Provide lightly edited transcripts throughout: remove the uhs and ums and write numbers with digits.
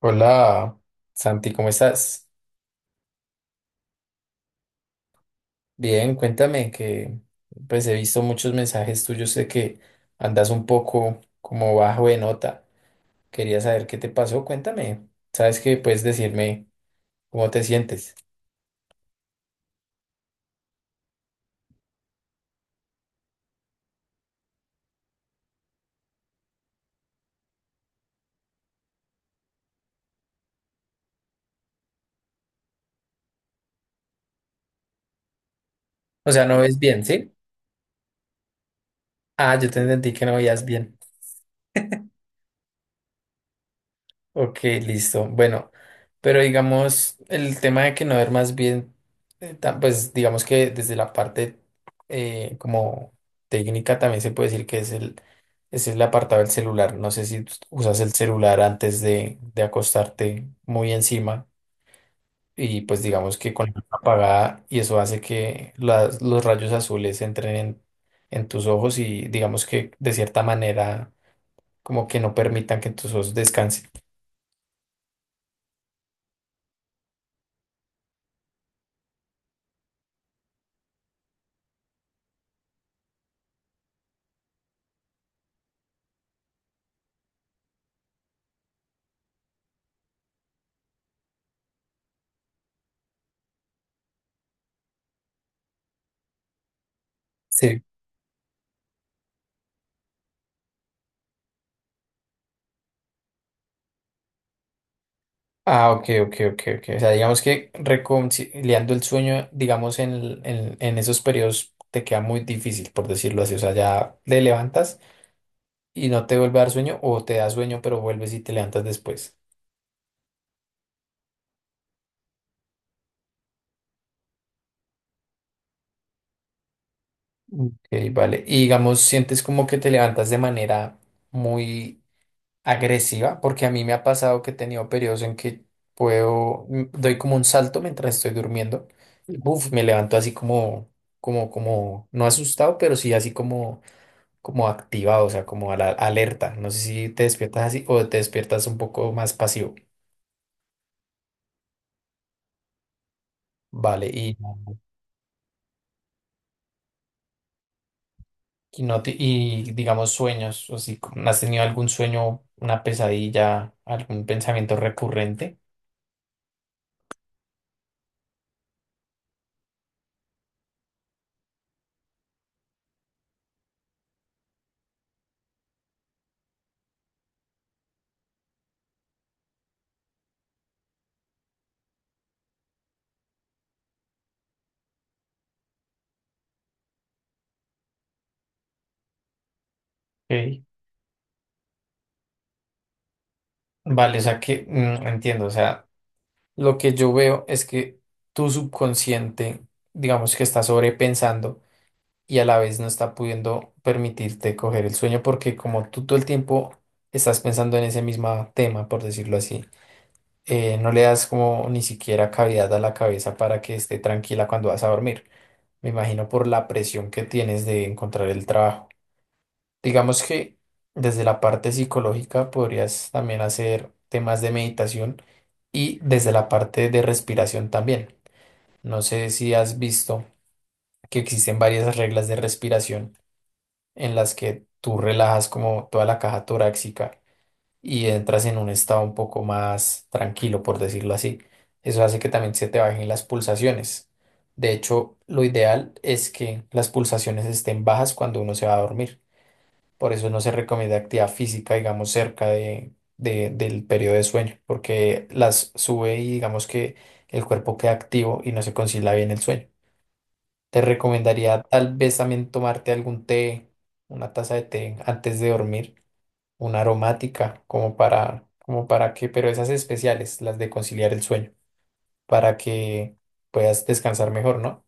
Hola, Santi, ¿cómo estás? Bien, cuéntame que pues he visto muchos mensajes tuyos de que andas un poco como bajo de nota. Quería saber qué te pasó, cuéntame. ¿Sabes que puedes decirme cómo te sientes? O sea, no ves bien, ¿sí? Ah, yo te entendí que no veías bien. Ok, listo. Bueno, pero digamos, el tema de que no ver más bien, pues digamos que desde la parte como técnica también se puede decir que es el apartado del celular. No sé si tú usas el celular antes de acostarte muy encima y pues digamos que con la luz apagada y eso hace que los rayos azules entren en tus ojos y digamos que de cierta manera como que no permitan que tus ojos descansen. Sí. Ah, ok, ok, ok, ok. O sea, digamos que reconciliando el sueño, digamos, en esos periodos te queda muy difícil, por decirlo así. O sea, ya te levantas y no te vuelve a dar sueño o te da sueño, pero vuelves y te levantas después. Ok, vale. Y digamos, sientes como que te levantas de manera muy agresiva, porque a mí me ha pasado que he tenido periodos en que doy como un salto mientras estoy durmiendo. Uf, me levanto así como, no asustado, pero sí así como activado, o sea, como a la alerta. No sé si te despiertas así o te despiertas un poco más pasivo. Vale, y no te- y digamos sueños, o si como has tenido algún sueño, una pesadilla, algún pensamiento recurrente. Ok. Vale, o sea que entiendo, o sea, lo que yo veo es que tu subconsciente, digamos que está sobrepensando y a la vez no está pudiendo permitirte coger el sueño porque como tú todo el tiempo estás pensando en ese mismo tema, por decirlo así, no le das como ni siquiera cavidad a la cabeza para que esté tranquila cuando vas a dormir. Me imagino por la presión que tienes de encontrar el trabajo. Digamos que desde la parte psicológica podrías también hacer temas de meditación y desde la parte de respiración también. No sé si has visto que existen varias reglas de respiración en las que tú relajas como toda la caja torácica y entras en un estado un poco más tranquilo, por decirlo así. Eso hace que también se te bajen las pulsaciones. De hecho, lo ideal es que las pulsaciones estén bajas cuando uno se va a dormir. Por eso no se recomienda actividad física, digamos, cerca del periodo de sueño, porque las sube y digamos que el cuerpo queda activo y no se concilia bien el sueño. Te recomendaría tal vez también tomarte algún té, una taza de té antes de dormir, una aromática, como para, como para que, pero esas especiales, las de conciliar el sueño, para que puedas descansar mejor, ¿no?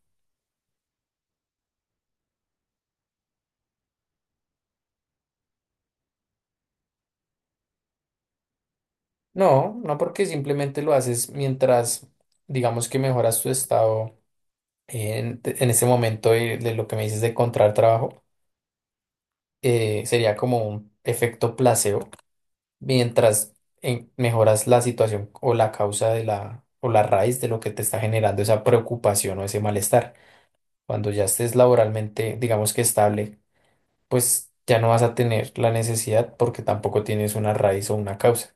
No, no porque simplemente lo haces mientras, digamos que mejoras tu estado en ese momento de lo que me dices de encontrar trabajo, sería como un efecto placebo, mientras mejoras la situación o la causa de la, o la raíz de lo que te está generando esa preocupación o ese malestar. Cuando ya estés laboralmente, digamos que estable, pues ya no vas a tener la necesidad porque tampoco tienes una raíz o una causa.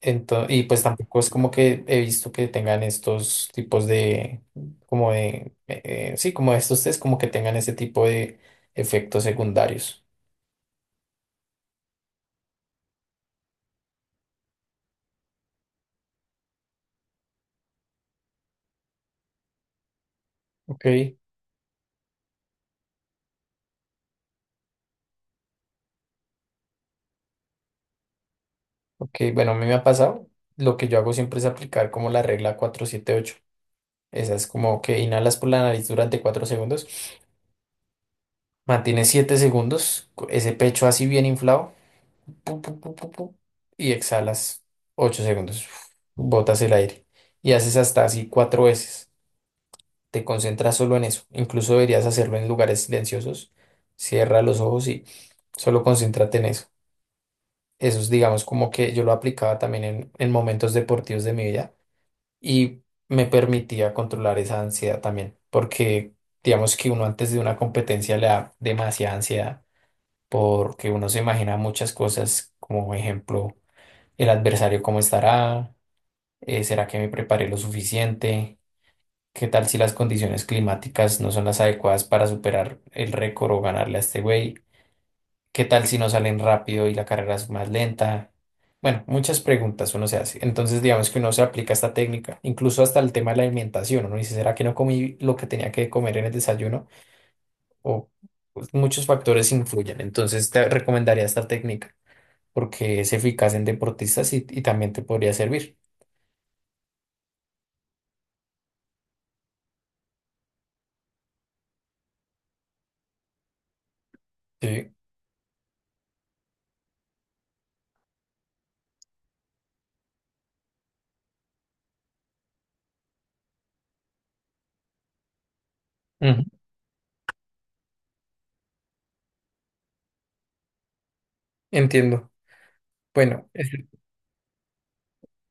Entonces, y pues tampoco es como que he visto que tengan estos tipos de, como de, sí, como estos test, como que tengan ese tipo de efectos secundarios. Ok, ok, bueno, a mí me ha pasado, lo que yo hago siempre es aplicar como la regla 4-7-8. Esa es como que inhalas por la nariz durante 4 segundos, mantienes 7 segundos, ese pecho así bien inflado, pu, pu, pu, pu, pu, y exhalas 8 segundos, botas el aire y haces hasta así cuatro veces. Te concentras solo en eso. Incluso deberías hacerlo en lugares silenciosos. Cierra los ojos y solo concéntrate en eso. Eso es, digamos, como que yo lo aplicaba también en momentos deportivos de mi vida y me permitía controlar esa ansiedad también, porque digamos que uno antes de una competencia le da demasiada ansiedad porque uno se imagina muchas cosas, como ejemplo el adversario cómo estará, será que me preparé lo suficiente, qué tal si las condiciones climáticas no son las adecuadas para superar el récord o ganarle a este güey, qué tal si no salen rápido y la carrera es más lenta. Bueno, muchas preguntas uno se hace. Entonces, digamos que uno se aplica esta técnica, incluso hasta el tema de la alimentación. Uno dice, ¿será que no comí lo que tenía que comer en el desayuno? O pues, muchos factores influyen. Entonces, te recomendaría esta técnica porque es eficaz en deportistas y también te podría servir. Sí. Ujú. Entiendo. Bueno, es-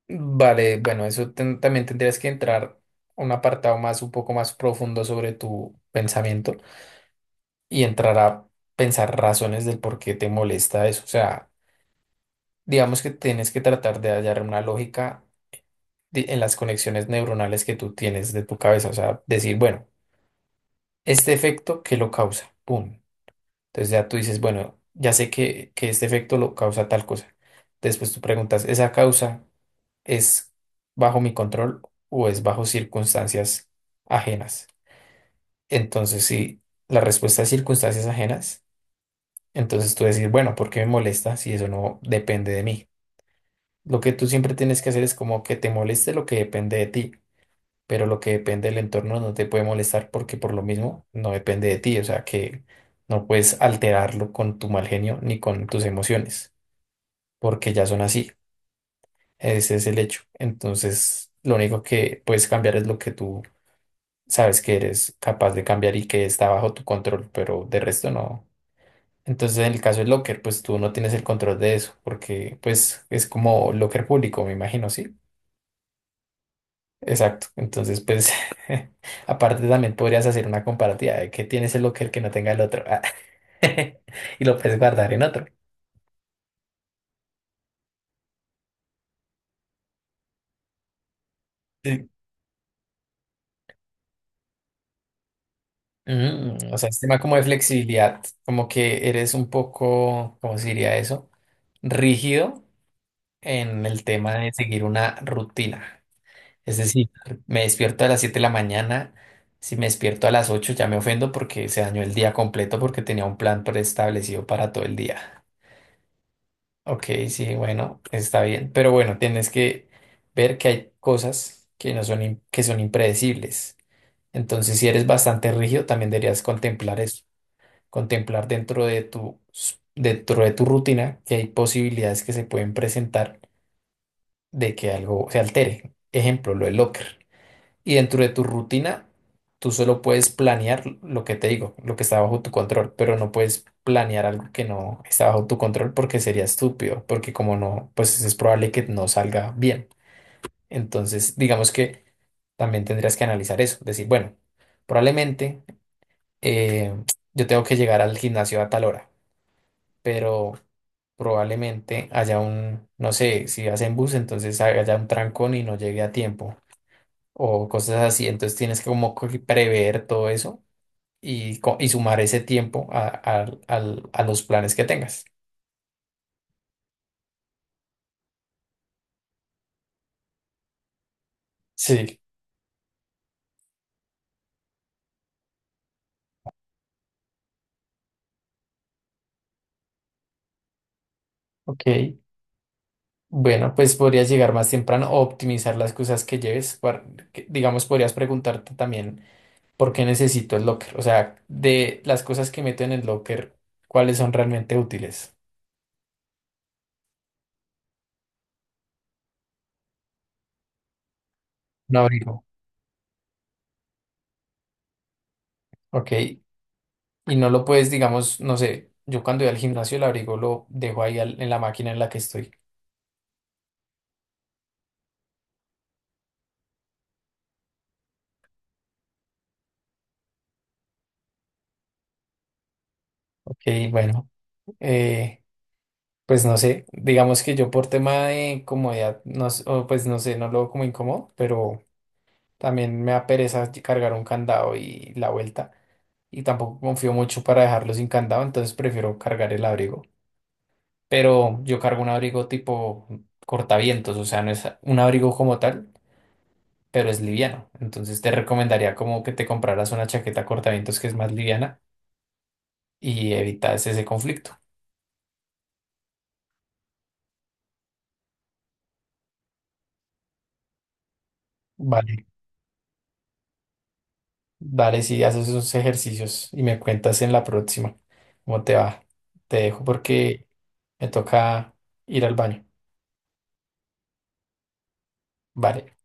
vale, bueno, también tendrías que entrar a un apartado más, un poco más profundo sobre tu pensamiento y entrar a pensar razones del por qué te molesta eso. O sea, digamos que tienes que tratar de hallar una lógica en las conexiones neuronales que tú tienes de tu cabeza. O sea, decir, bueno, este efecto, ¿qué lo causa? Pum. Entonces ya tú dices, bueno, ya sé que este efecto lo causa tal cosa. Después tú preguntas, ¿esa causa es bajo mi control o es bajo circunstancias ajenas? Entonces, si la respuesta es circunstancias ajenas, entonces tú decir bueno, ¿por qué me molesta si eso no depende de mí? Lo que tú siempre tienes que hacer es como que te moleste lo que depende de ti, pero lo que depende del entorno no te puede molestar porque por lo mismo no depende de ti, o sea que no puedes alterarlo con tu mal genio ni con tus emociones, porque ya son así. Ese es el hecho. Entonces, lo único que puedes cambiar es lo que tú sabes que eres capaz de cambiar y que está bajo tu control, pero de resto no. Entonces, en el caso de Locker, pues tú no tienes el control de eso, porque pues es como Locker público, me imagino, ¿sí? Exacto. Entonces, pues, aparte también podrías hacer una comparativa de que tienes el Locker que no tenga el otro ah, y lo puedes guardar en otro. Sí. Mm, o sea, es tema como de flexibilidad, como que eres un poco, ¿cómo se diría eso? Rígido en el tema de seguir una rutina. Es decir, me despierto a las 7 de la mañana. Si me despierto a las 8, ya me ofendo porque se dañó el día completo porque tenía un plan preestablecido para todo el día. Ok, sí, bueno, está bien. Pero bueno, tienes que ver que hay cosas que no son, que son impredecibles. Entonces, si eres bastante rígido, también deberías contemplar eso, contemplar dentro de tu, dentro de tu rutina que hay posibilidades que se pueden presentar de que algo se altere. Ejemplo, lo del locker. Y dentro de tu rutina, tú solo puedes planear lo que te digo, lo que está bajo tu control, pero no puedes planear algo que no está bajo tu control porque sería estúpido, porque como no, pues es probable que no salga bien. Entonces, digamos que también tendrías que analizar eso, decir, bueno, probablemente eh, yo tengo que llegar al gimnasio a tal hora, pero probablemente haya un, no sé, si vas en bus, entonces haya un trancón y no llegue a tiempo o cosas así. Entonces tienes que como que prever todo eso y y sumar ese tiempo a los planes que tengas. Sí, ok. Bueno, pues podrías llegar más temprano o optimizar las cosas que lleves. Digamos, podrías preguntarte también por qué necesito el locker. O sea, de las cosas que meto en el locker, ¿cuáles son realmente útiles? Un abrigo. Ok. Y no lo puedes, digamos, no sé, yo cuando voy al gimnasio el abrigo lo dejo ahí en la máquina en la que estoy. Ok, bueno. eh, Pues no sé, digamos que yo por tema de comodidad, o pues no sé, no lo veo como incómodo, pero también me da pereza cargar un candado y la vuelta. Y tampoco confío mucho para dejarlo sin candado, entonces prefiero cargar el abrigo. Pero yo cargo un abrigo tipo cortavientos, o sea, no es un abrigo como tal, pero es liviano. Entonces te recomendaría como que te compraras una chaqueta cortavientos que es más liviana y evitas ese conflicto. Vale. Vale, sí, haces esos ejercicios y me cuentas en la próxima cómo te va. Te dejo, vale, porque me toca ir al baño. Vale.